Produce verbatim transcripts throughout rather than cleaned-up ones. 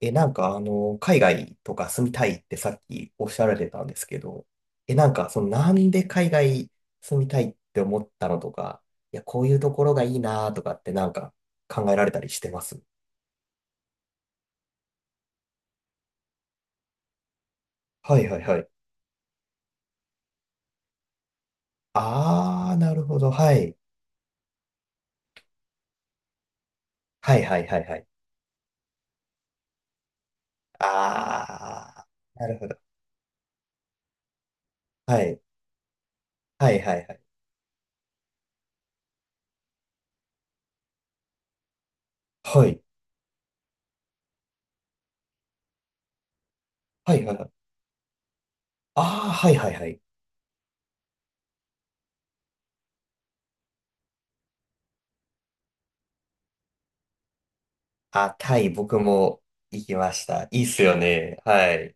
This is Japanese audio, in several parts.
え、なんかあの、海外とか住みたいってさっきおっしゃられてたんですけど、え、なんかそのなんで海外住みたいって思ったのとか、いや、こういうところがいいなとかってなんか考えられたりしてます？はいはいはい。あー、なるほど。はい。はいはいはいはい。あー、なるほど。はい。はいはいはい。はい。はいはいはい。あー、はいはいはい。あ、タイ僕も行きました。いいっすよね。はい。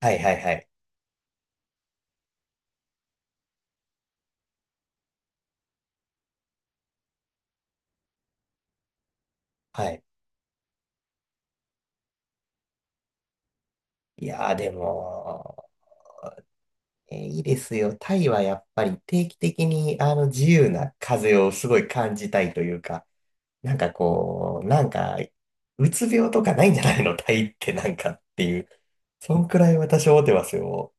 はいはいはい。はい。いやーでも、えーいいですよ。タイはやっぱり定期的にあの自由な風をすごい感じたいというか、なんかこう、なんか、うつ病とかないんじゃないの タイってなんかっていう。そんくらい私思ってますよ。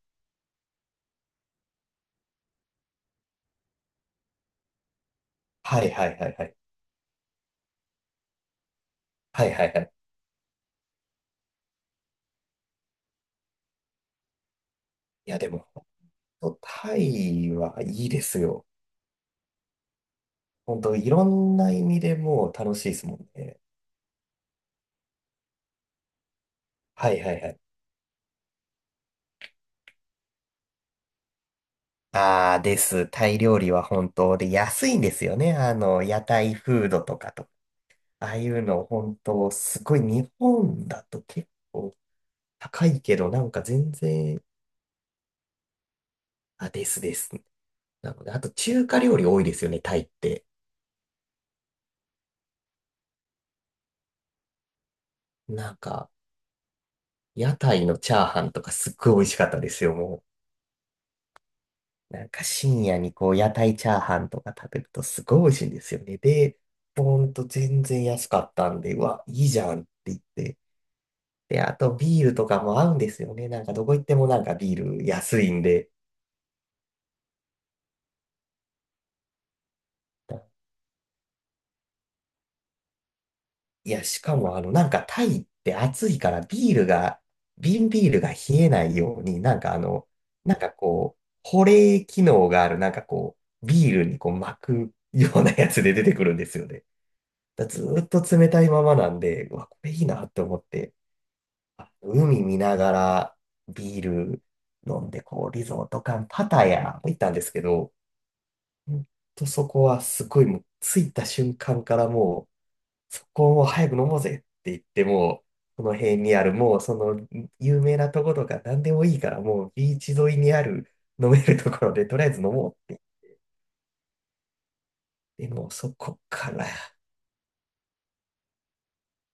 はいはいはいはい。はいはいはい。いやでも、ほんとタイはいいですよ。本当いろんな意味でもう楽しいですもんね。はいはいはい。ああです。タイ料理は本当で安いんですよね。あの、屋台フードとかと。ああいうの本当すごい、日本だと結構高いけど、なんか全然。あ、ですです。なので、あと中華料理多いですよね、タイって。なんか、屋台のチャーハンとかすっごい美味しかったですよ、もう。なんか深夜にこう屋台チャーハンとか食べるとすごい美味しいんですよね。で、ほんと全然安かったんで、うわ、いいじゃんって言って。で、あとビールとかも合うんですよね。なんかどこ行ってもなんかビール安いんで。いや、しかもあの、なんかタイって暑いからビールが、瓶ビールが冷えないように、なんかあの、なんかこう、保冷機能がある、なんかこう、ビールにこう巻くようなやつで出てくるんですよね。だずーっと冷たいままなんで、うわ、これいいなって思って、あ、海見ながらビール飲んで、こう、リゾート感、パタヤ行ったんですけど、ほんとそこはすごいもう、着いた瞬間からもう、そこをもう早く飲もうぜって言って、もう、この辺にある、もうその有名なとことか何でもいいから、もうビーチ沿いにある飲めるところで、とりあえず飲もうって言って、もうそこから、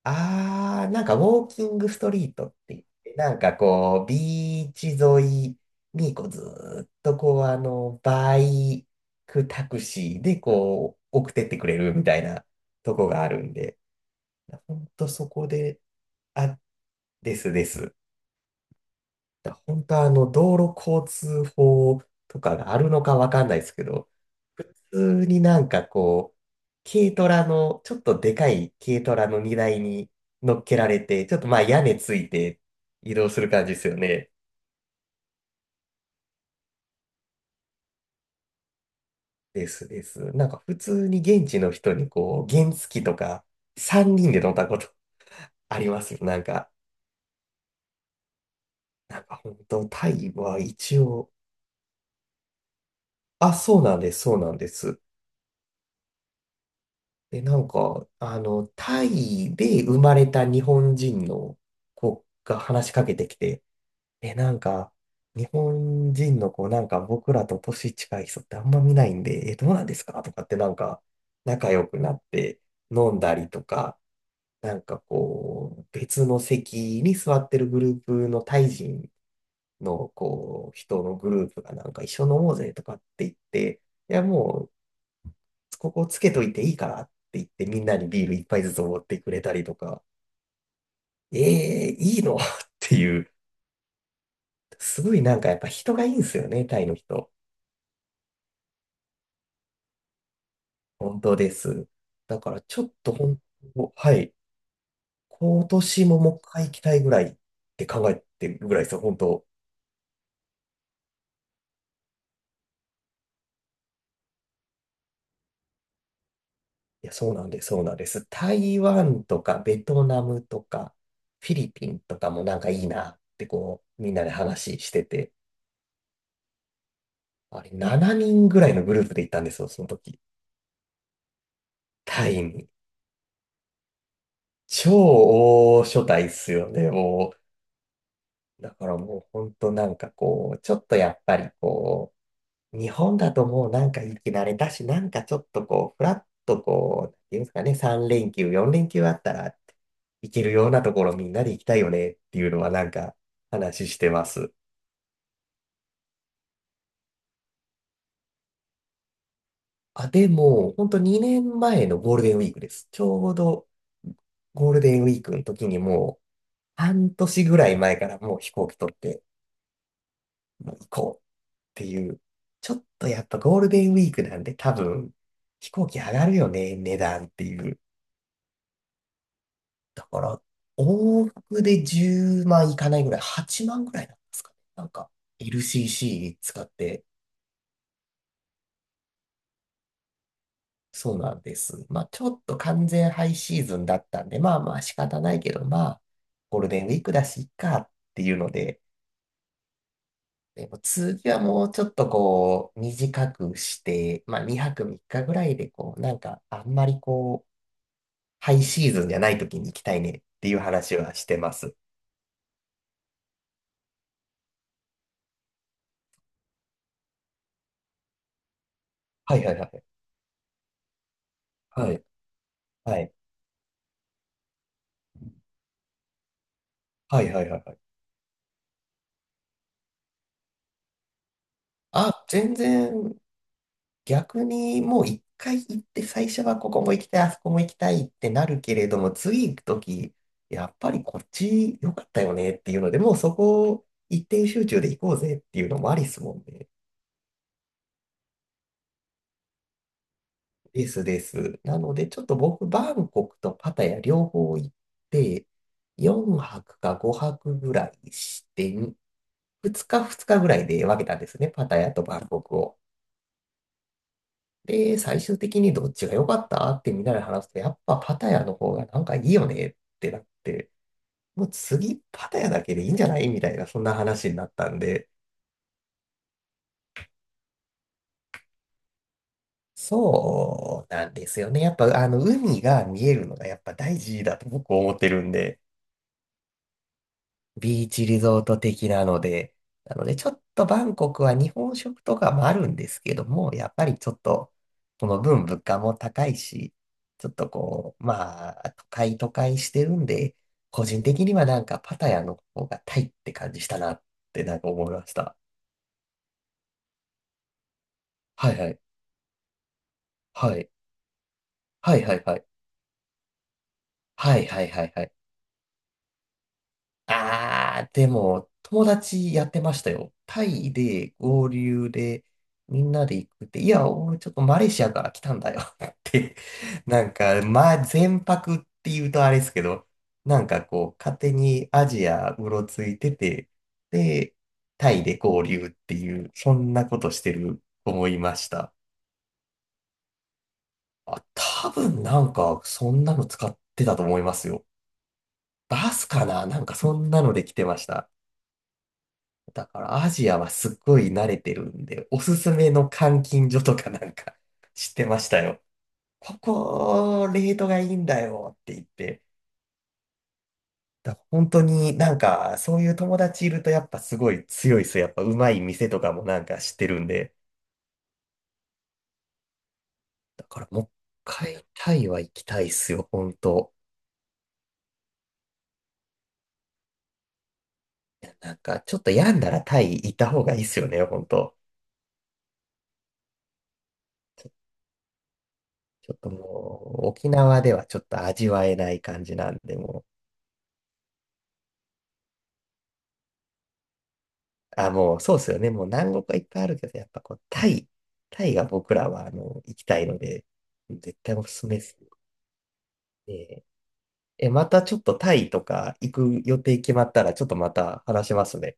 あー、なんかウォーキングストリートって言って、なんかこう、ビーチ沿いにこうずーっとこう、あの、バイクタクシーでこう、送ってってくれるみたいなとこがあるんで、本当そこで。あ、ですです。本当あの、道路交通法とかがあるのかわかんないですけど、普通になんかこう、軽トラの、ちょっとでかい軽トラの荷台に乗っけられて、ちょっとまあ屋根ついて移動する感じですよね。ですです。なんか普通に現地の人にこう、原付とかさんにんで乗ったことありますよ。なんか、なんか本当タイは一応、あ、そうなんです、そうなんです。で、なんか、あの、タイで生まれた日本人の子が話しかけてきて、え、なんか、日本人の子、なんか僕らと年近い人ってあんま見ないんで、え、どうなんですかとかってなんか、仲良くなって飲んだりとか、なんかこう、別の席に座ってるグループのタイ人のこう、人のグループがなんか一緒に飲もうぜとかって言って、いや、も、ここつけといていいからって言ってみんなにビール一杯ずつおごってくれたりとか、ええいいの？ っていう、すごいなんかやっぱ人がいいんですよね、タイの人。本当です。だからちょっと本当、はい。今年ももう一回行きたいぐらいって考えてるぐらいですよ、本当。いや、そうなんです、そうなんです。台湾とかベトナムとかフィリピンとかもなんかいいなってこう、みんなで話してて、あれしちにんぐらいのグループで行ったんですよ、その時。タイに。超大所帯っすよね、もう。だからもう本当なんかこう、ちょっとやっぱりこう、日本だともうなんか生き慣れたし、なんかちょっとこう、ふらっとこう、なんていうんですかね、さん連休、よん連休あったら行けるようなところみんなで行きたいよねっていうのはなんか話してます。あ、でも、本当にねんまえのゴールデンウィークです。ちょうどゴールデンウィークの時にもう半年ぐらい前からもう飛行機取って、もう行こうっていう、ちょっとやっぱゴールデンウィークなんで多分飛行機上がるよね、値段っていう。だから、往復でじゅうまんいかないぐらい、はちまんぐらいなんですかね。なんか エルシーシー 使って、そうなんです。まあちょっと完全ハイシーズンだったんで、まあまあ仕方ないけど、まあゴールデンウィークだし、いっかっていうので、でも次はもうちょっとこう短くして、まあにはくみっかぐらいでこうなんかあんまりこハイシーズンじゃない時に行きたいねっていう話はしてます。はいはいはい。はい。はい。はいはいはいはい。あ、全然。逆にもう一回行って最初はここも行きたい、あそこも行きたいってなるけれども、次行く時、やっぱりこっち良かったよねっていうので、もうそこを一点集中で行こうぜっていうのもありっすもんね。ですです。なので、ちょっと僕、バンコクとパタヤ両方行って、よんはくかごはくぐらいして、ふつかふつかぐらいで分けたんですね、パタヤとバンコクを。で、最終的にどっちが良かったってみんなで話すと、やっぱパタヤの方がなんかいいよねってなって、もう次パタヤだけでいいんじゃないみたいな、そんな話になったんで。そうなんですよね。やっぱあの海が見えるのがやっぱ大事だと僕思ってるんで、ビーチリゾート的なので、なのでちょっとバンコクは日本食とかもあるんですけども、やっぱりちょっとこの分物価も高いし、ちょっとこう、まあ、都会都会してるんで、個人的にはなんかパタヤの方がタイって感じしたなってなんか思いました。はいはい。はい。はいはいはい。はいはいはいはい。あー、でも、友達やってましたよ。タイで合流で、みんなで行くって、いや、俺ちょっとマレーシアから来たんだよ って、なんか、まあ、全泊って言うとあれですけど、なんかこう、勝手にアジアうろついてて、で、タイで合流っていう、そんなことしてる思いました。あ、多分なんか、そんなの使ってたと思いますよ。バスかななんかそんなので来てました。だからアジアはすっごい慣れてるんで、おすすめの監禁所とかなんか 知ってましたよ。ここ、レートがいいんだよって言って。だから本当になんかそういう友達いるとやっぱすごい強いです、やっぱうまい店とかもなんか知ってるんで。だからもう一回タイは行きたいっすよ、本当。なんかちょっと病んだらタイ行った方がいいっすよね、本当。ちょっともう沖縄ではちょっと味わえない感じなんで、もう。あ、もう、そうですよね。もう南国はいっぱいあるけど、やっぱこう、タイ、タイが僕らは、あの、行きたいので、絶対おすすめですね。え、またちょっとタイとか行く予定決まったら、ちょっとまた話しますね。